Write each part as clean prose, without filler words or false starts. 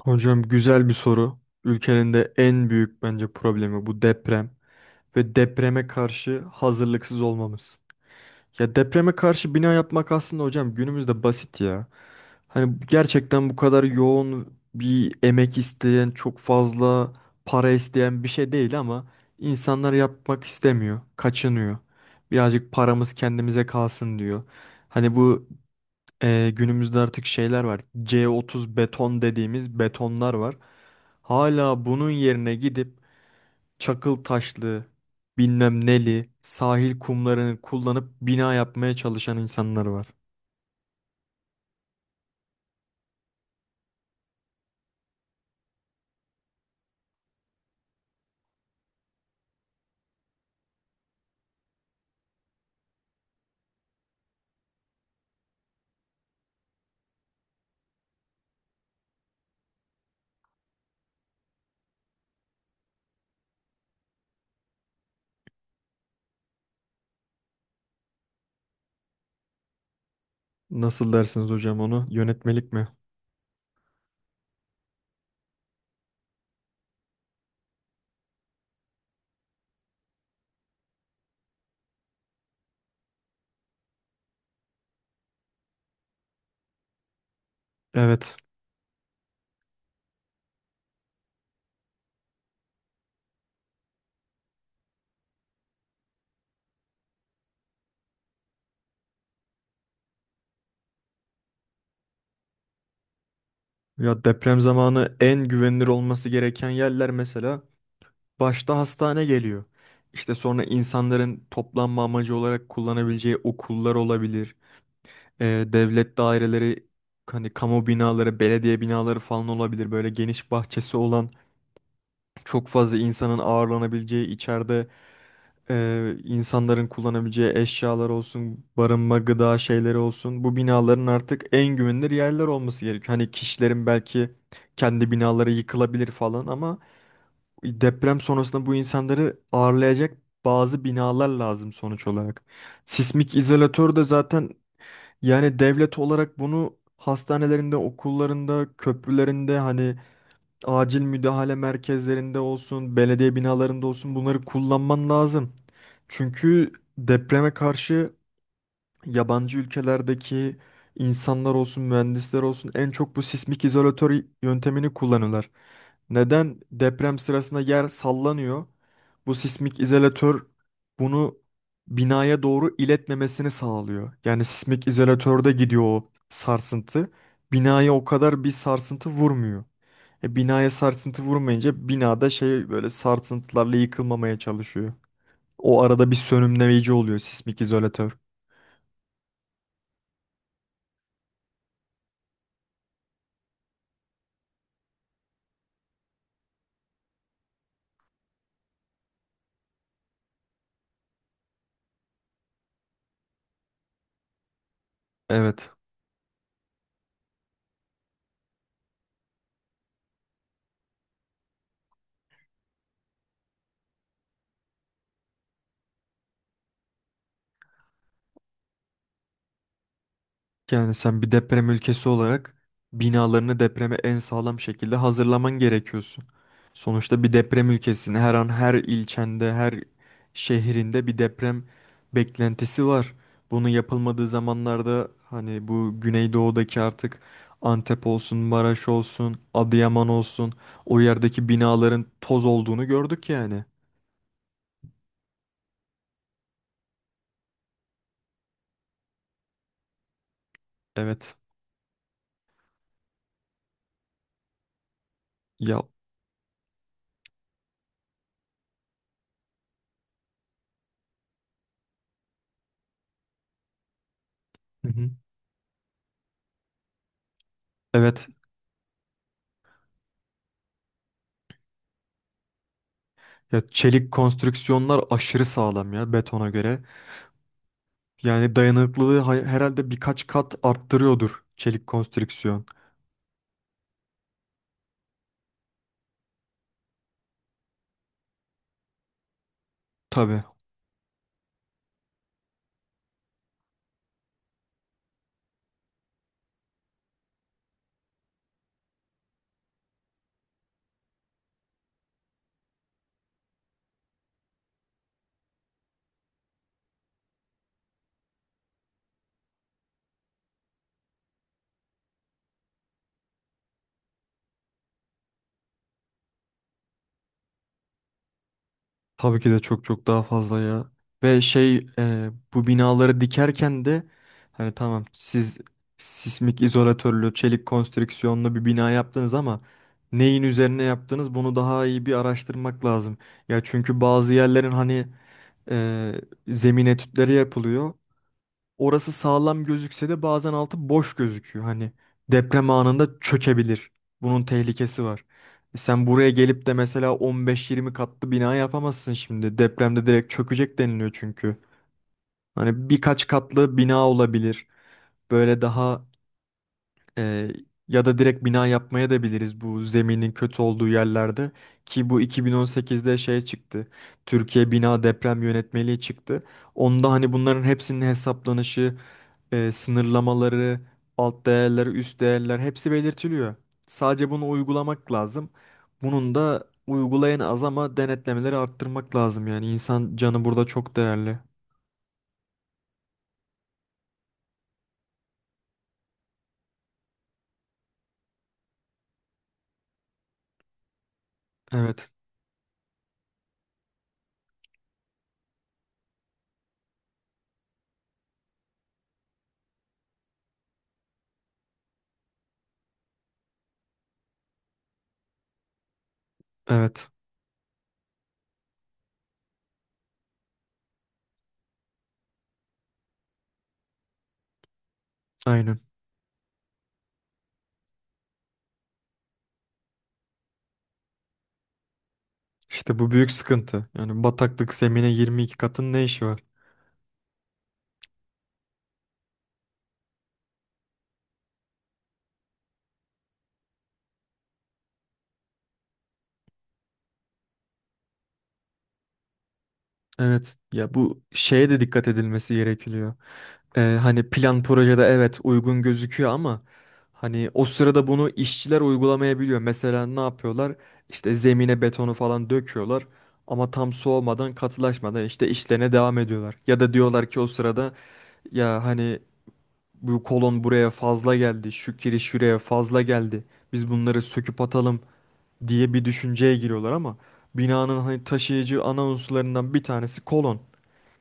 Hocam, güzel bir soru. Ülkenin de en büyük bence problemi bu deprem ve depreme karşı hazırlıksız olmamız. Ya depreme karşı bina yapmak aslında hocam günümüzde basit ya. Hani gerçekten bu kadar yoğun bir emek isteyen, çok fazla para isteyen bir şey değil ama insanlar yapmak istemiyor, kaçınıyor. Birazcık paramız kendimize kalsın diyor. Hani bu günümüzde artık şeyler var. C30 beton dediğimiz betonlar var. Hala bunun yerine gidip çakıl taşlı, bilmem neli, sahil kumlarını kullanıp bina yapmaya çalışan insanlar var. Nasıl dersiniz hocam onu? Yönetmelik mi? Evet. Ya deprem zamanı en güvenilir olması gereken yerler mesela başta hastane geliyor. İşte sonra insanların toplanma amacı olarak kullanabileceği okullar olabilir. Devlet daireleri, hani kamu binaları, belediye binaları falan olabilir. Böyle geniş bahçesi olan, çok fazla insanın ağırlanabileceği, içeride insanların kullanabileceği eşyalar olsun, barınma, gıda şeyleri olsun. Bu binaların artık en güvenilir yerler olması gerekiyor. Hani kişilerin belki kendi binaları yıkılabilir falan ama deprem sonrasında bu insanları ağırlayacak bazı binalar lazım sonuç olarak. Sismik izolatör de zaten, yani devlet olarak bunu hastanelerinde, okullarında, köprülerinde, hani acil müdahale merkezlerinde olsun, belediye binalarında olsun, bunları kullanman lazım. Çünkü depreme karşı yabancı ülkelerdeki insanlar olsun, mühendisler olsun, en çok bu sismik izolatör yöntemini kullanırlar. Neden? Deprem sırasında yer sallanıyor. Bu sismik izolatör bunu binaya doğru iletmemesini sağlıyor. Yani sismik izolatörde gidiyor o sarsıntı. Binaya o kadar bir sarsıntı vurmuyor. Binaya sarsıntı vurmayınca binada şey, böyle sarsıntılarla yıkılmamaya çalışıyor. O arada bir sönümleyici oluyor sismik izolatör. Evet. Yani sen bir deprem ülkesi olarak binalarını depreme en sağlam şekilde hazırlaman gerekiyorsun. Sonuçta bir deprem ülkesinde her an her ilçende, her şehrinde bir deprem beklentisi var. Bunu yapılmadığı zamanlarda hani bu Güneydoğu'daki artık Antep olsun, Maraş olsun, Adıyaman olsun, o yerdeki binaların toz olduğunu gördük yani. Evet. Ya, hı hı. Evet. Ya çelik konstrüksiyonlar aşırı sağlam ya betona göre. Yani dayanıklılığı herhalde birkaç kat arttırıyordur çelik konstrüksiyon. Tabii. Tabii ki de çok çok daha fazla ya. Ve şey, bu binaları dikerken de hani tamam, siz sismik izolatörlü çelik konstrüksiyonlu bir bina yaptınız ama neyin üzerine yaptınız bunu daha iyi bir araştırmak lazım. Ya çünkü bazı yerlerin hani e, zemin etütleri yapılıyor. Orası sağlam gözükse de bazen altı boş gözüküyor. Hani deprem anında çökebilir. Bunun tehlikesi var. Sen buraya gelip de mesela 15-20 katlı bina yapamazsın şimdi. Depremde direkt çökecek deniliyor çünkü. Hani birkaç katlı bina olabilir. Böyle daha e, ya da direkt bina yapmaya da biliriz bu zeminin kötü olduğu yerlerde. Ki bu 2018'de şey çıktı, Türkiye Bina Deprem Yönetmeliği çıktı. Onda hani bunların hepsinin hesaplanışı, sınırlamaları, alt değerler, üst değerler hepsi belirtiliyor. Sadece bunu uygulamak lazım. Bunun da uygulayan az ama denetlemeleri arttırmak lazım, yani insan canı burada çok değerli. Evet, evet, aynen. İşte bu büyük sıkıntı. Yani bataklık zemine 22 katın ne işi var? Evet, ya bu şeye de dikkat edilmesi gerekiyor. Hani plan projede evet uygun gözüküyor ama hani o sırada bunu işçiler uygulamayabiliyor. Mesela ne yapıyorlar? İşte zemine betonu falan döküyorlar ama tam soğumadan, katılaşmadan işte işlerine devam ediyorlar. Ya da diyorlar ki o sırada, ya hani bu kolon buraya fazla geldi, şu kiriş şuraya fazla geldi, biz bunları söküp atalım diye bir düşünceye giriyorlar ama binanın hani taşıyıcı ana unsurlarından bir tanesi kolon.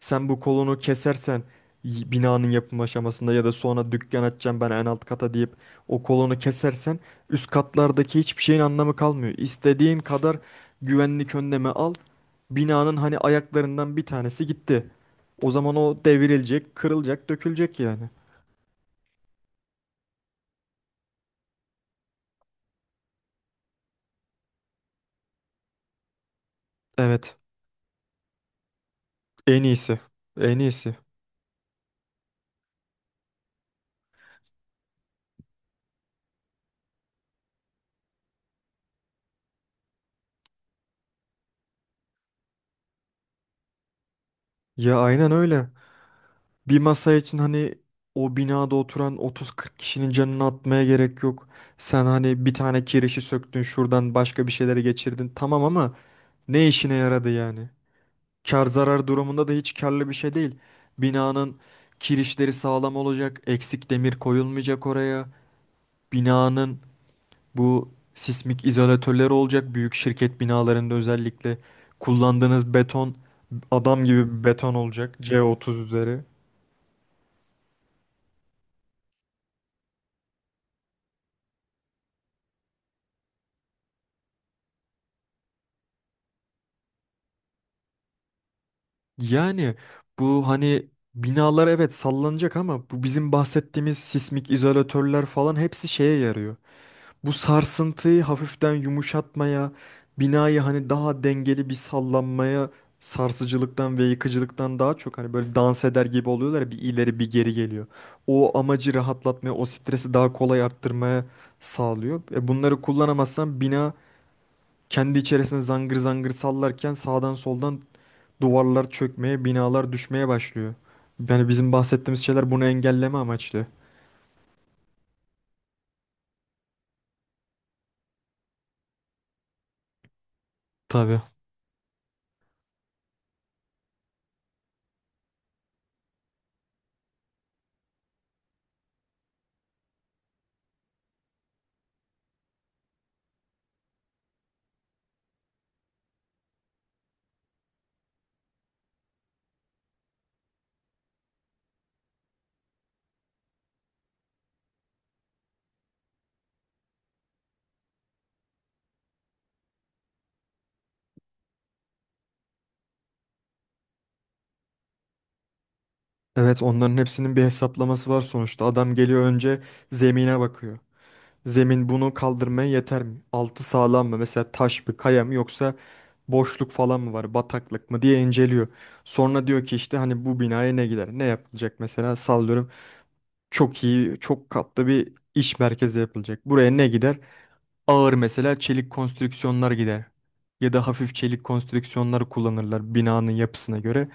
Sen bu kolonu kesersen, binanın yapım aşamasında ya da sonra dükkan açacağım ben en alt kata deyip o kolonu kesersen, üst katlardaki hiçbir şeyin anlamı kalmıyor. İstediğin kadar güvenlik önlemi al, binanın hani ayaklarından bir tanesi gitti. O zaman o devrilecek, kırılacak, dökülecek yani. Evet, en iyisi. En iyisi. Ya aynen öyle. Bir masa için hani o binada oturan 30-40 kişinin canını atmaya gerek yok. Sen hani bir tane kirişi söktün, şuradan başka bir şeyleri geçirdin, tamam, ama ne işine yaradı yani? Kar zarar durumunda da hiç karlı bir şey değil. Binanın kirişleri sağlam olacak, eksik demir koyulmayacak oraya. Binanın bu sismik izolatörleri olacak, büyük şirket binalarında özellikle. Kullandığınız beton adam gibi bir beton olacak, C30 üzeri. Yani bu hani binalar evet sallanacak ama bu bizim bahsettiğimiz sismik izolatörler falan hepsi şeye yarıyor: bu sarsıntıyı hafiften yumuşatmaya, binayı hani daha dengeli bir sallanmaya, sarsıcılıktan ve yıkıcılıktan daha çok, hani böyle dans eder gibi oluyorlar ya, bir ileri bir geri geliyor. O amacı rahatlatmaya, o stresi daha kolay arttırmaya sağlıyor. Bunları kullanamazsan bina kendi içerisinde zangır zangır sallarken sağdan soldan duvarlar çökmeye, binalar düşmeye başlıyor. Yani bizim bahsettiğimiz şeyler bunu engelleme amaçlı. Tabii. Evet, onların hepsinin bir hesaplaması var sonuçta. Adam geliyor, önce zemine bakıyor. Zemin bunu kaldırmaya yeter mi? Altı sağlam mı? Mesela taş mı, kaya mı, yoksa boşluk falan mı var, bataklık mı diye inceliyor. Sonra diyor ki işte hani bu binaya ne gider, ne yapılacak, mesela sallıyorum, çok iyi, çok katlı bir iş merkezi yapılacak, buraya ne gider? Ağır mesela çelik konstrüksiyonlar gider. Ya da hafif çelik konstrüksiyonlar kullanırlar binanın yapısına göre.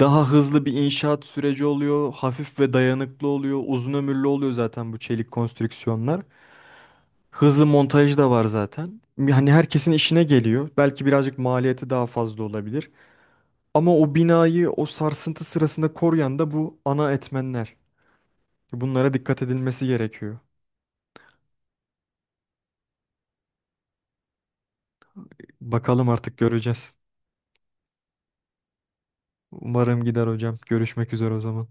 Daha hızlı bir inşaat süreci oluyor. Hafif ve dayanıklı oluyor. Uzun ömürlü oluyor zaten bu çelik konstrüksiyonlar. Hızlı montaj da var zaten. Yani herkesin işine geliyor. Belki birazcık maliyeti daha fazla olabilir ama o binayı o sarsıntı sırasında koruyan da bu ana etmenler. Bunlara dikkat edilmesi gerekiyor. Bakalım, artık göreceğiz. Umarım gider hocam. Görüşmek üzere o zaman.